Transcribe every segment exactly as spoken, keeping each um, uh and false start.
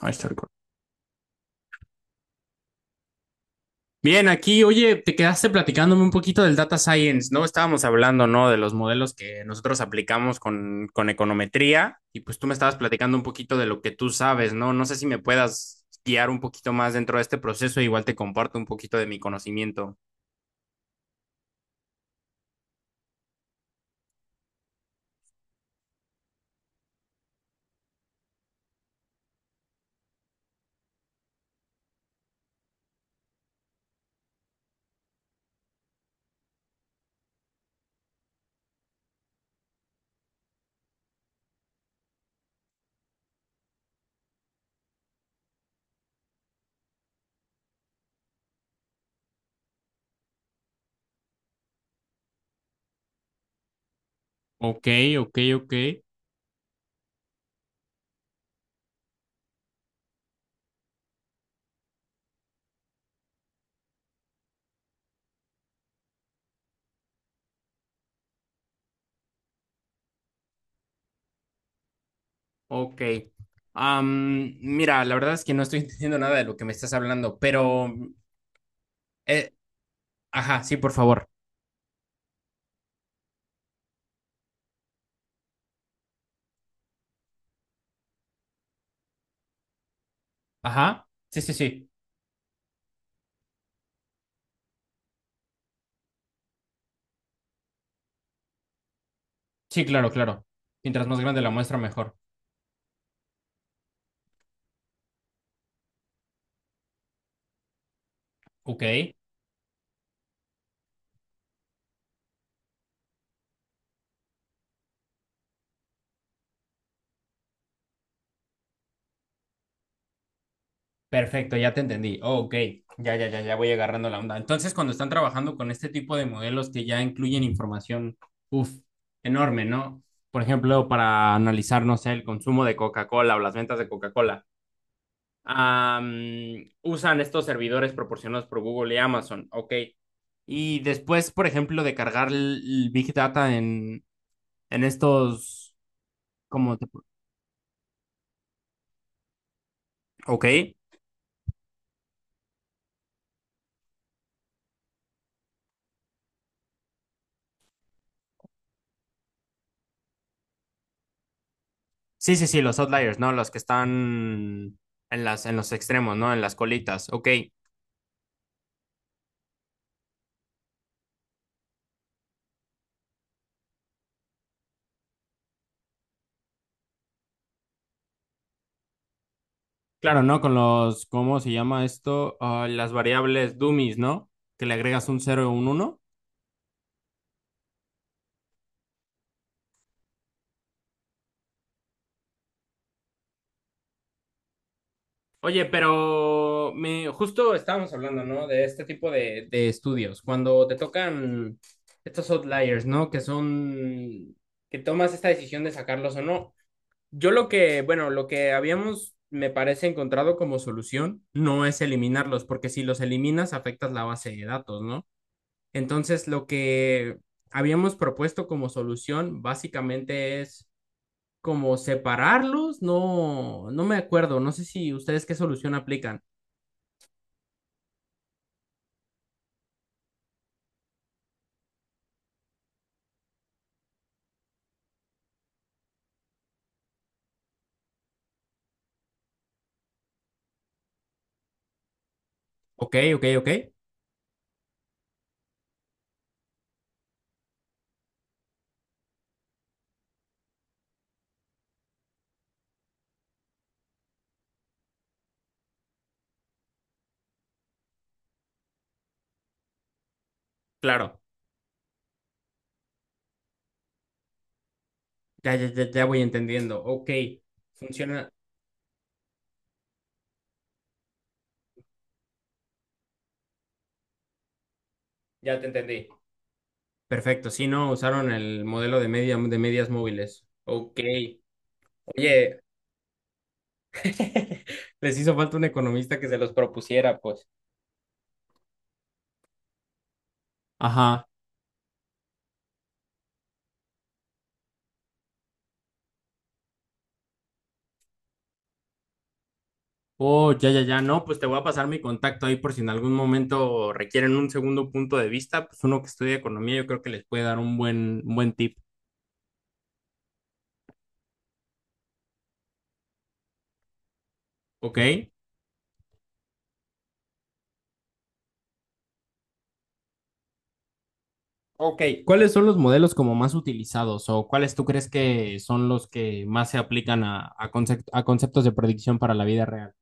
Ahí está el cor- Bien, aquí, oye, te quedaste platicándome un poquito del data science, ¿no? Estábamos hablando, ¿no? De los modelos que nosotros aplicamos con, con econometría y pues tú me estabas platicando un poquito de lo que tú sabes, ¿no? No sé si me puedas guiar un poquito más dentro de este proceso, igual te comparto un poquito de mi conocimiento. Ok, ok, ok. Ok. Am, mira, la verdad es que no estoy entendiendo nada de lo que me estás hablando, pero... eh, ajá, sí, por favor. Ajá. Sí, sí, sí. Sí, claro, claro. Mientras más grande la muestra, mejor. Ok, perfecto, ya te entendí. Oh, ok, ya, ya, ya, ya voy agarrando la onda. Entonces, cuando están trabajando con este tipo de modelos que ya incluyen información, uff, enorme, ¿no? Por ejemplo, para analizar, no sé, el consumo de Coca-Cola o las ventas de Coca-Cola, am, usan estos servidores proporcionados por Google y Amazon. Ok. Y después, por ejemplo, de cargar el el Big Data en, en estos, como, te- ok. Sí, sí, sí, los outliers, ¿no? Los que están en las, en los extremos, ¿no? En las colitas. Ok. Claro, ¿no? Con los, ¿cómo se llama esto? Ah, las variables dummies, ¿no? Que le agregas un cero y un uno. Oye, pero me, justo estábamos hablando, ¿no? De este tipo de, de estudios. Cuando te tocan estos outliers, ¿no? Que son, que tomas esta decisión de sacarlos o no. Yo lo que, bueno, lo que habíamos, me parece, encontrado como solución no es eliminarlos, porque si los eliminas afectas la base de datos, ¿no? Entonces, lo que habíamos propuesto como solución básicamente es como separarlos, no, no me acuerdo, no sé si ustedes qué solución aplican. Ok, ok, ok, claro, ya, ya, ya ya voy entendiendo, ok, funciona, ya te entendí. Perfecto, sí, no, usaron el modelo de media, de medias móviles. Ok. Oye, les hizo falta un economista que se los propusiera, pues. Ajá. Oh, ya, ya, ya. No, pues te voy a pasar mi contacto ahí por si en algún momento requieren un segundo punto de vista. Pues uno que estudia economía, yo creo que les puede dar un buen, un buen tip. ¿Ok? Ok. ¿Cuáles son los modelos como más utilizados o cuáles tú crees que son los que más se aplican a, a, concep- a conceptos de predicción para la vida real?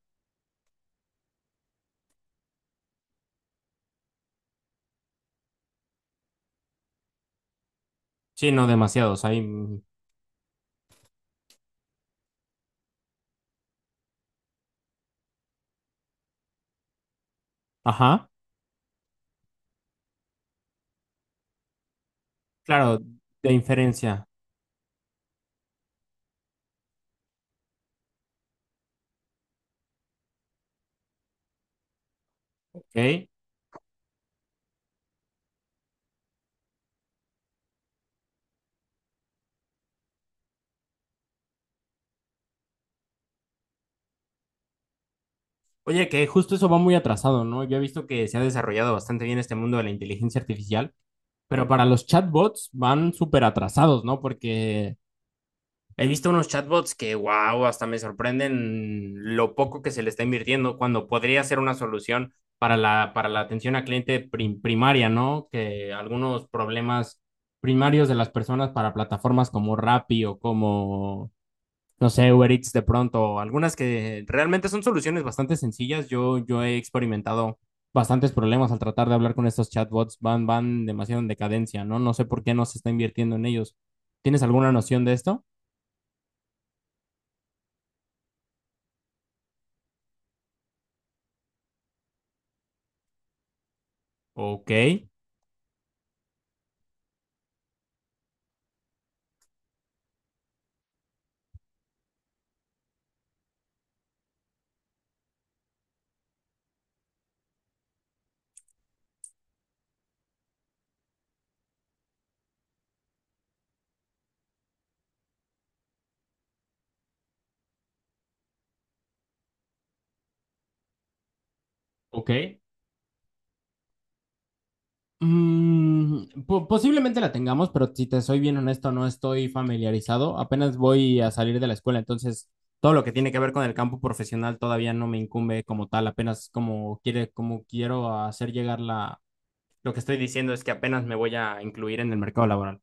Sí, no demasiados. Hay. mm, Ajá. Claro, de inferencia. Ok. Oye, que justo eso va muy atrasado, ¿no? Yo he visto que se ha desarrollado bastante bien este mundo de la inteligencia artificial, pero para los chatbots van súper atrasados, ¿no? Porque he visto unos chatbots que, wow, hasta me sorprenden lo poco que se le está invirtiendo cuando podría ser una solución para la, para la atención a cliente prim- primaria, ¿no? Que algunos problemas primarios de las personas para plataformas como Rappi o como no sé, Uber Eats de pronto, algunas que realmente son soluciones bastante sencillas. Yo, yo he experimentado bastantes problemas al tratar de hablar con estos chatbots, van, van demasiado en decadencia, ¿no? No sé por qué no se está invirtiendo en ellos. ¿Tienes alguna noción de esto? Ok, ok. Mm, po- posiblemente la tengamos, pero si te soy bien honesto, no estoy familiarizado. Apenas voy a salir de la escuela, entonces todo lo que tiene que ver con el campo profesional todavía no me incumbe como tal, apenas como quiere, como quiero hacer llegar la, lo que estoy diciendo es que apenas me voy a incluir en el mercado laboral.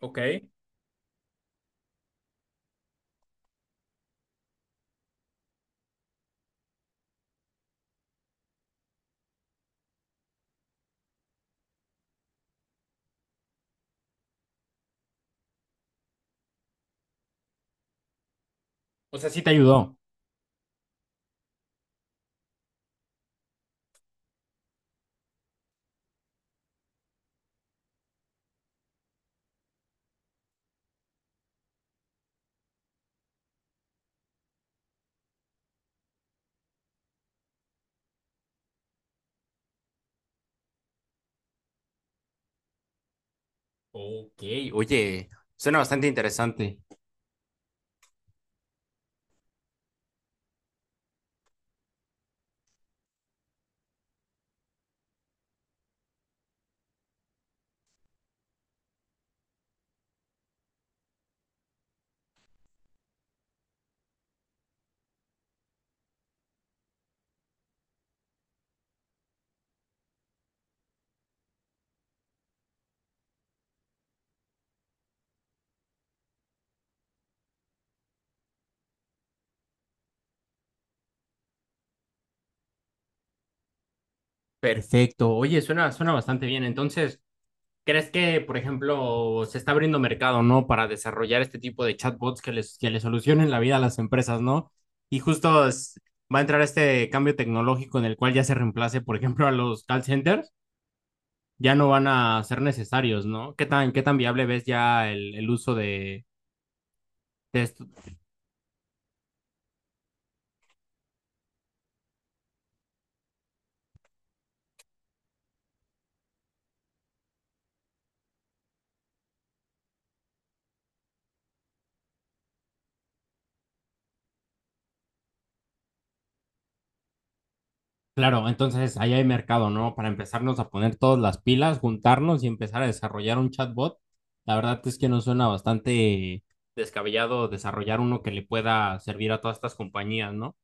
Ok. O sea, sí te ayudó. Ok. Oye, suena bastante interesante. Perfecto. Oye, suena, suena bastante bien. Entonces, ¿crees que, por ejemplo, se está abriendo mercado, ¿no? Para desarrollar este tipo de chatbots que les, que les solucionen la vida a las empresas, ¿no? Y justo es- va a entrar este cambio tecnológico en el cual ya se reemplace, por ejemplo, a los call centers. Ya no van a ser necesarios, ¿no? ¿Qué tan, qué tan viable ves ya el, el uso de, de est- Claro, entonces ahí hay mercado, ¿no? Para empezarnos a poner todas las pilas, juntarnos y empezar a desarrollar un chatbot. La verdad es que nos suena bastante descabellado desarrollar uno que le pueda servir a todas estas compañías, ¿no?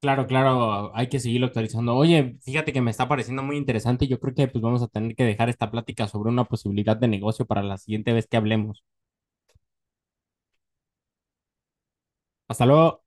Claro, claro, hay que seguirlo actualizando. Oye, fíjate que me está pareciendo muy interesante. Y yo creo que pues vamos a tener que dejar esta plática sobre una posibilidad de negocio para la siguiente vez que hablemos. Hasta luego.